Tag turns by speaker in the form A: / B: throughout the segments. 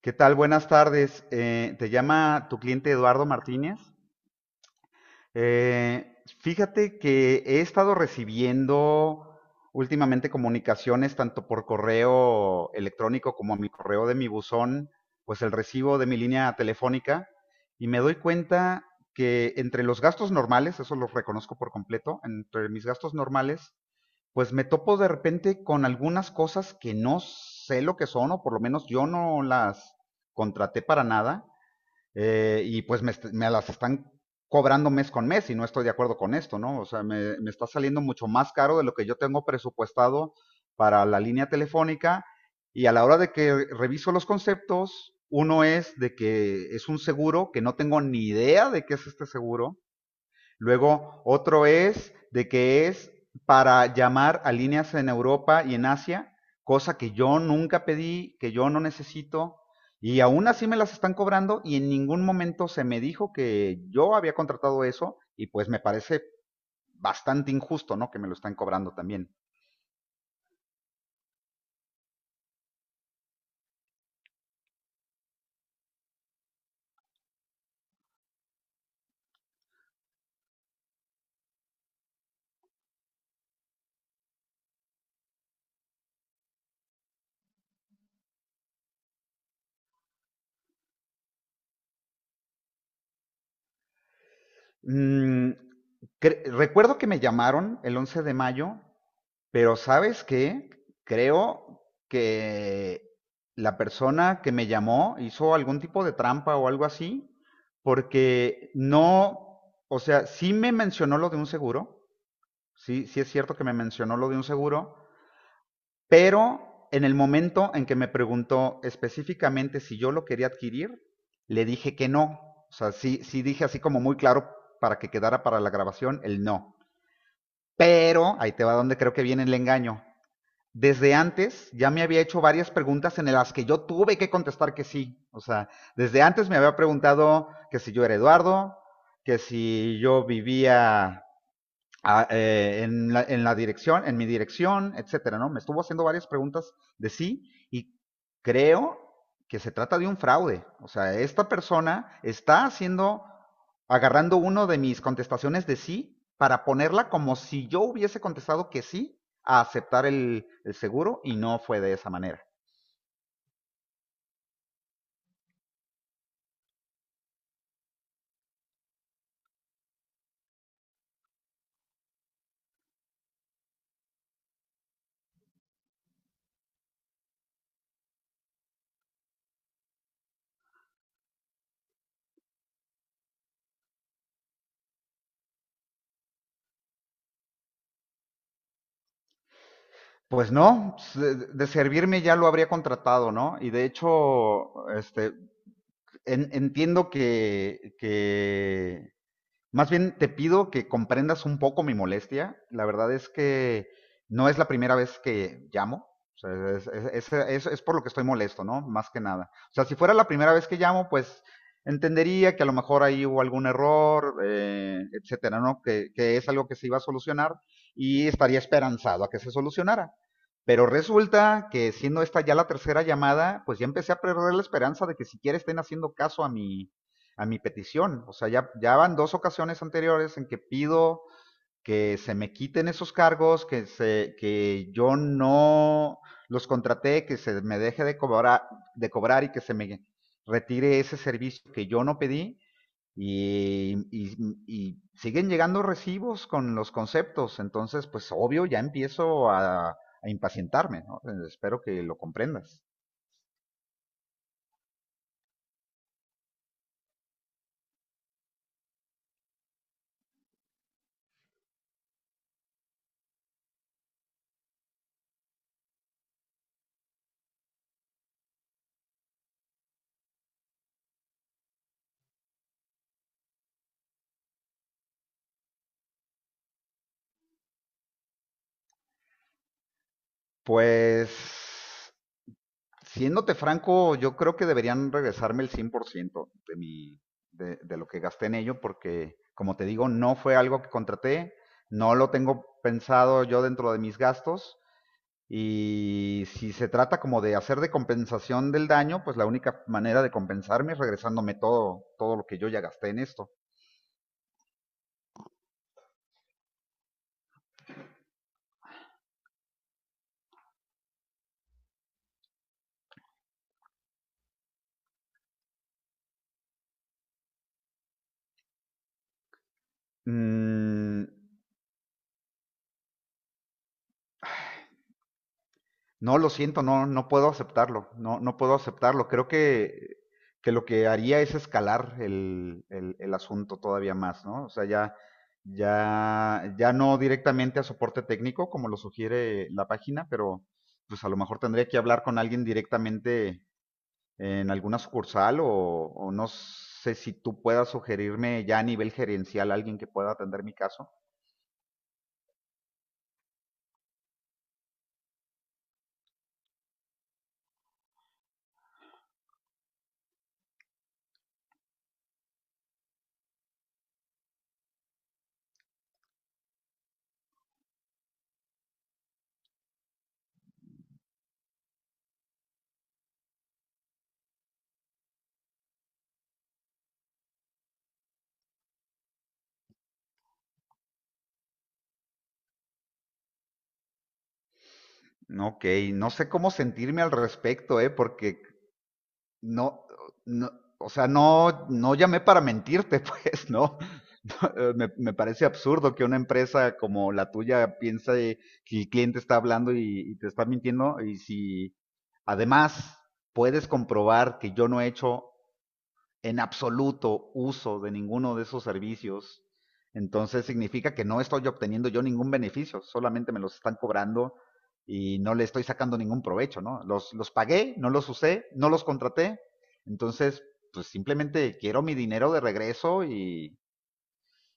A: ¿Qué tal? Buenas tardes. Te llama tu cliente Eduardo Martínez. Fíjate que he estado recibiendo últimamente comunicaciones tanto por correo electrónico como a mi correo de mi buzón, pues el recibo de mi línea telefónica y me doy cuenta que entre los gastos normales, eso los reconozco por completo, entre mis gastos normales pues me topo de repente con algunas cosas que no sé lo que son, o por lo menos yo no las contraté para nada, y pues me las están cobrando mes con mes y no estoy de acuerdo con esto, ¿no? O sea, me está saliendo mucho más caro de lo que yo tengo presupuestado para la línea telefónica y a la hora de que reviso los conceptos, uno es de que es un seguro que no tengo ni idea de qué es este seguro. Luego, otro es de que es para llamar a líneas en Europa y en Asia, cosa que yo nunca pedí, que yo no necesito, y aún así me las están cobrando y en ningún momento se me dijo que yo había contratado eso y pues me parece bastante injusto, ¿no? Que me lo están cobrando también. Mm, recuerdo que me llamaron el 11 de mayo, pero ¿sabes qué? Creo que la persona que me llamó hizo algún tipo de trampa o algo así, porque no, o sea, sí me mencionó lo de un seguro, sí, sí es cierto que me mencionó lo de un seguro, pero en el momento en que me preguntó específicamente si yo lo quería adquirir, le dije que no. O sea, sí, sí dije así como muy claro para que quedara para la grabación el no. Pero ahí te va donde creo que viene el engaño. Desde antes ya me había hecho varias preguntas en las que yo tuve que contestar que sí. O sea, desde antes me había preguntado que si yo era Eduardo, que si yo vivía a, en, la, dirección, en mi dirección, etcétera, ¿no? Me estuvo haciendo varias preguntas de sí y creo que se trata de un fraude. O sea, esta persona está haciendo, agarrando uno de mis contestaciones de sí para ponerla como si yo hubiese contestado que sí a aceptar el seguro y no fue de esa manera. Pues no, pues, de servirme ya lo habría contratado, ¿no? Y de hecho, este, entiendo que más bien te pido que comprendas un poco mi molestia. La verdad es que no es la primera vez que llamo. O sea, es por lo que estoy molesto, ¿no? Más que nada. O sea, si fuera la primera vez que llamo, pues entendería que a lo mejor ahí hubo algún error, etcétera, ¿no? Que es algo que se iba a solucionar y estaría esperanzado a que se solucionara. Pero resulta que siendo esta ya la tercera llamada, pues ya empecé a perder la esperanza de que siquiera estén haciendo caso a a mi petición. O sea, ya van dos ocasiones anteriores en que pido que se me quiten esos cargos, que yo no los contraté, que se me deje de cobrar y que se me retire ese servicio que yo no pedí. Y, y, y siguen llegando recibos con los conceptos, entonces pues obvio ya empiezo a impacientarme, ¿no? Espero que lo comprendas. Pues siéndote franco, yo creo que deberían regresarme el 100% de lo que gasté en ello, porque, como te digo, no fue algo que contraté, no lo tengo pensado yo dentro de mis gastos. Y si se trata como de hacer de compensación del daño, pues la única manera de compensarme es regresándome todo, todo lo que yo ya gasté en esto. Mm, no, lo siento, no, no puedo aceptarlo, no, no puedo aceptarlo. Creo que lo que haría es escalar el asunto todavía más, ¿no? O sea, ya no directamente a soporte técnico, como lo sugiere la página, pero pues a lo mejor tendría que hablar con alguien directamente en alguna sucursal o no sé si tú puedas sugerirme ya a nivel gerencial alguien que pueda atender mi caso. No, ok, no sé cómo sentirme al respecto, ¿eh? Porque no, no, o sea, no, no llamé para mentirte, pues, ¿no? Me parece absurdo que una empresa como la tuya piense que el cliente está hablando y te está mintiendo y si además puedes comprobar que yo no he hecho en absoluto uso de ninguno de esos servicios, entonces significa que no estoy obteniendo yo ningún beneficio, solamente me los están cobrando y no le estoy sacando ningún provecho, ¿no? Los pagué, no los usé, no los contraté, entonces pues simplemente quiero mi dinero de regreso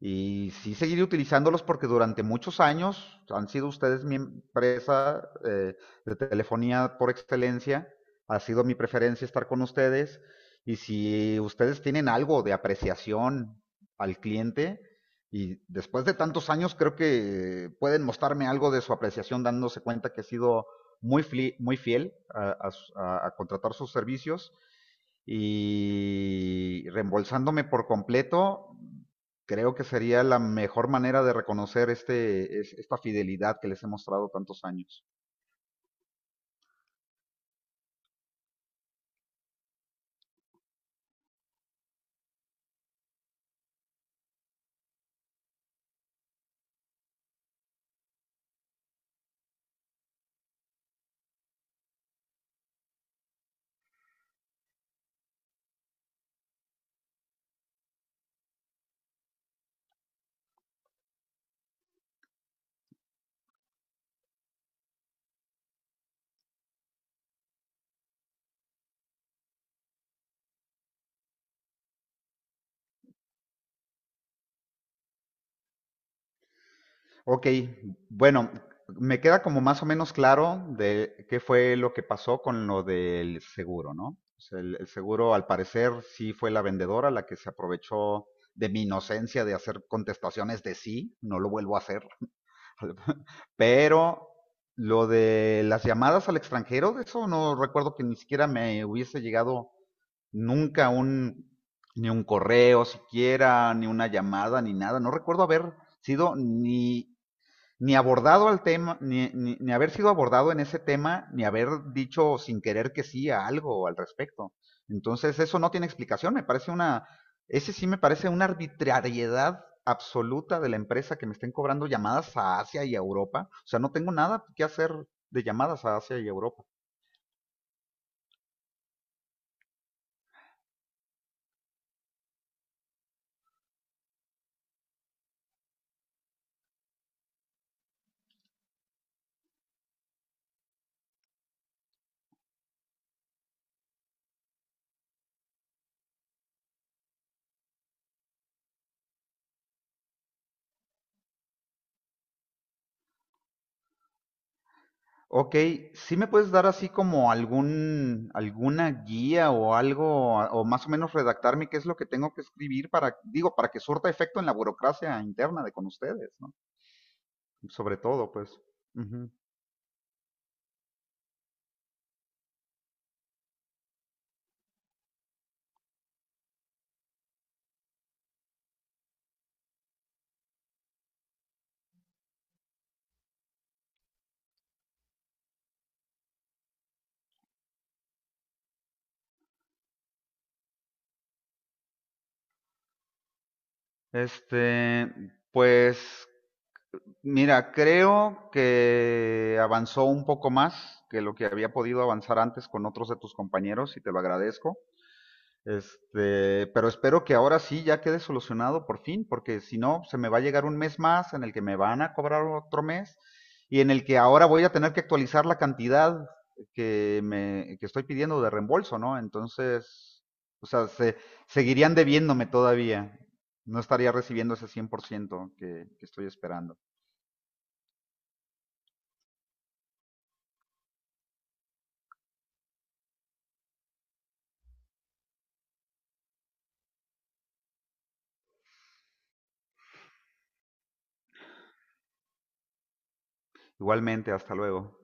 A: y sí seguiré utilizándolos porque durante muchos años han sido ustedes mi empresa, de telefonía por excelencia. Ha sido mi preferencia estar con ustedes. Y si ustedes tienen algo de apreciación al cliente, y después de tantos años creo que pueden mostrarme algo de su apreciación dándose cuenta que he sido muy, muy fiel a contratar sus servicios y reembolsándome por completo, creo que sería la mejor manera de reconocer esta fidelidad que les he mostrado tantos años. Ok, bueno, me queda como más o menos claro de qué fue lo que pasó con lo del seguro, ¿no? O sea, el seguro, al parecer, sí fue la vendedora la que se aprovechó de mi inocencia de hacer contestaciones de sí, no lo vuelvo a hacer. Pero lo de las llamadas al extranjero, de eso no recuerdo que ni siquiera me hubiese llegado nunca un, ni un correo siquiera, ni una llamada, ni nada. No recuerdo haber sido ni abordado al tema, ni haber sido abordado en ese tema, ni haber dicho sin querer que sí a algo al respecto. Entonces eso no tiene explicación, me parece ese sí me parece una arbitrariedad absoluta de la empresa que me estén cobrando llamadas a Asia y a Europa. O sea, no tengo nada que hacer de llamadas a Asia y Europa. Ok, ¿sí me puedes dar así como alguna guía o algo, o más o menos redactarme qué es lo que tengo que escribir para, digo, para que surta efecto en la burocracia interna de con ustedes, ¿no? Sobre todo, pues. Ujú. Este, pues, mira, creo que avanzó un poco más que lo que había podido avanzar antes con otros de tus compañeros y te lo agradezco. Este, pero espero que ahora sí ya quede solucionado por fin, porque si no, se me va a llegar un mes más en el que me van a cobrar otro mes y en el que ahora voy a tener que actualizar la cantidad que estoy pidiendo de reembolso, ¿no? Entonces, o sea, seguirían debiéndome todavía. No estaría recibiendo ese 100% que estoy esperando. Igualmente, hasta luego.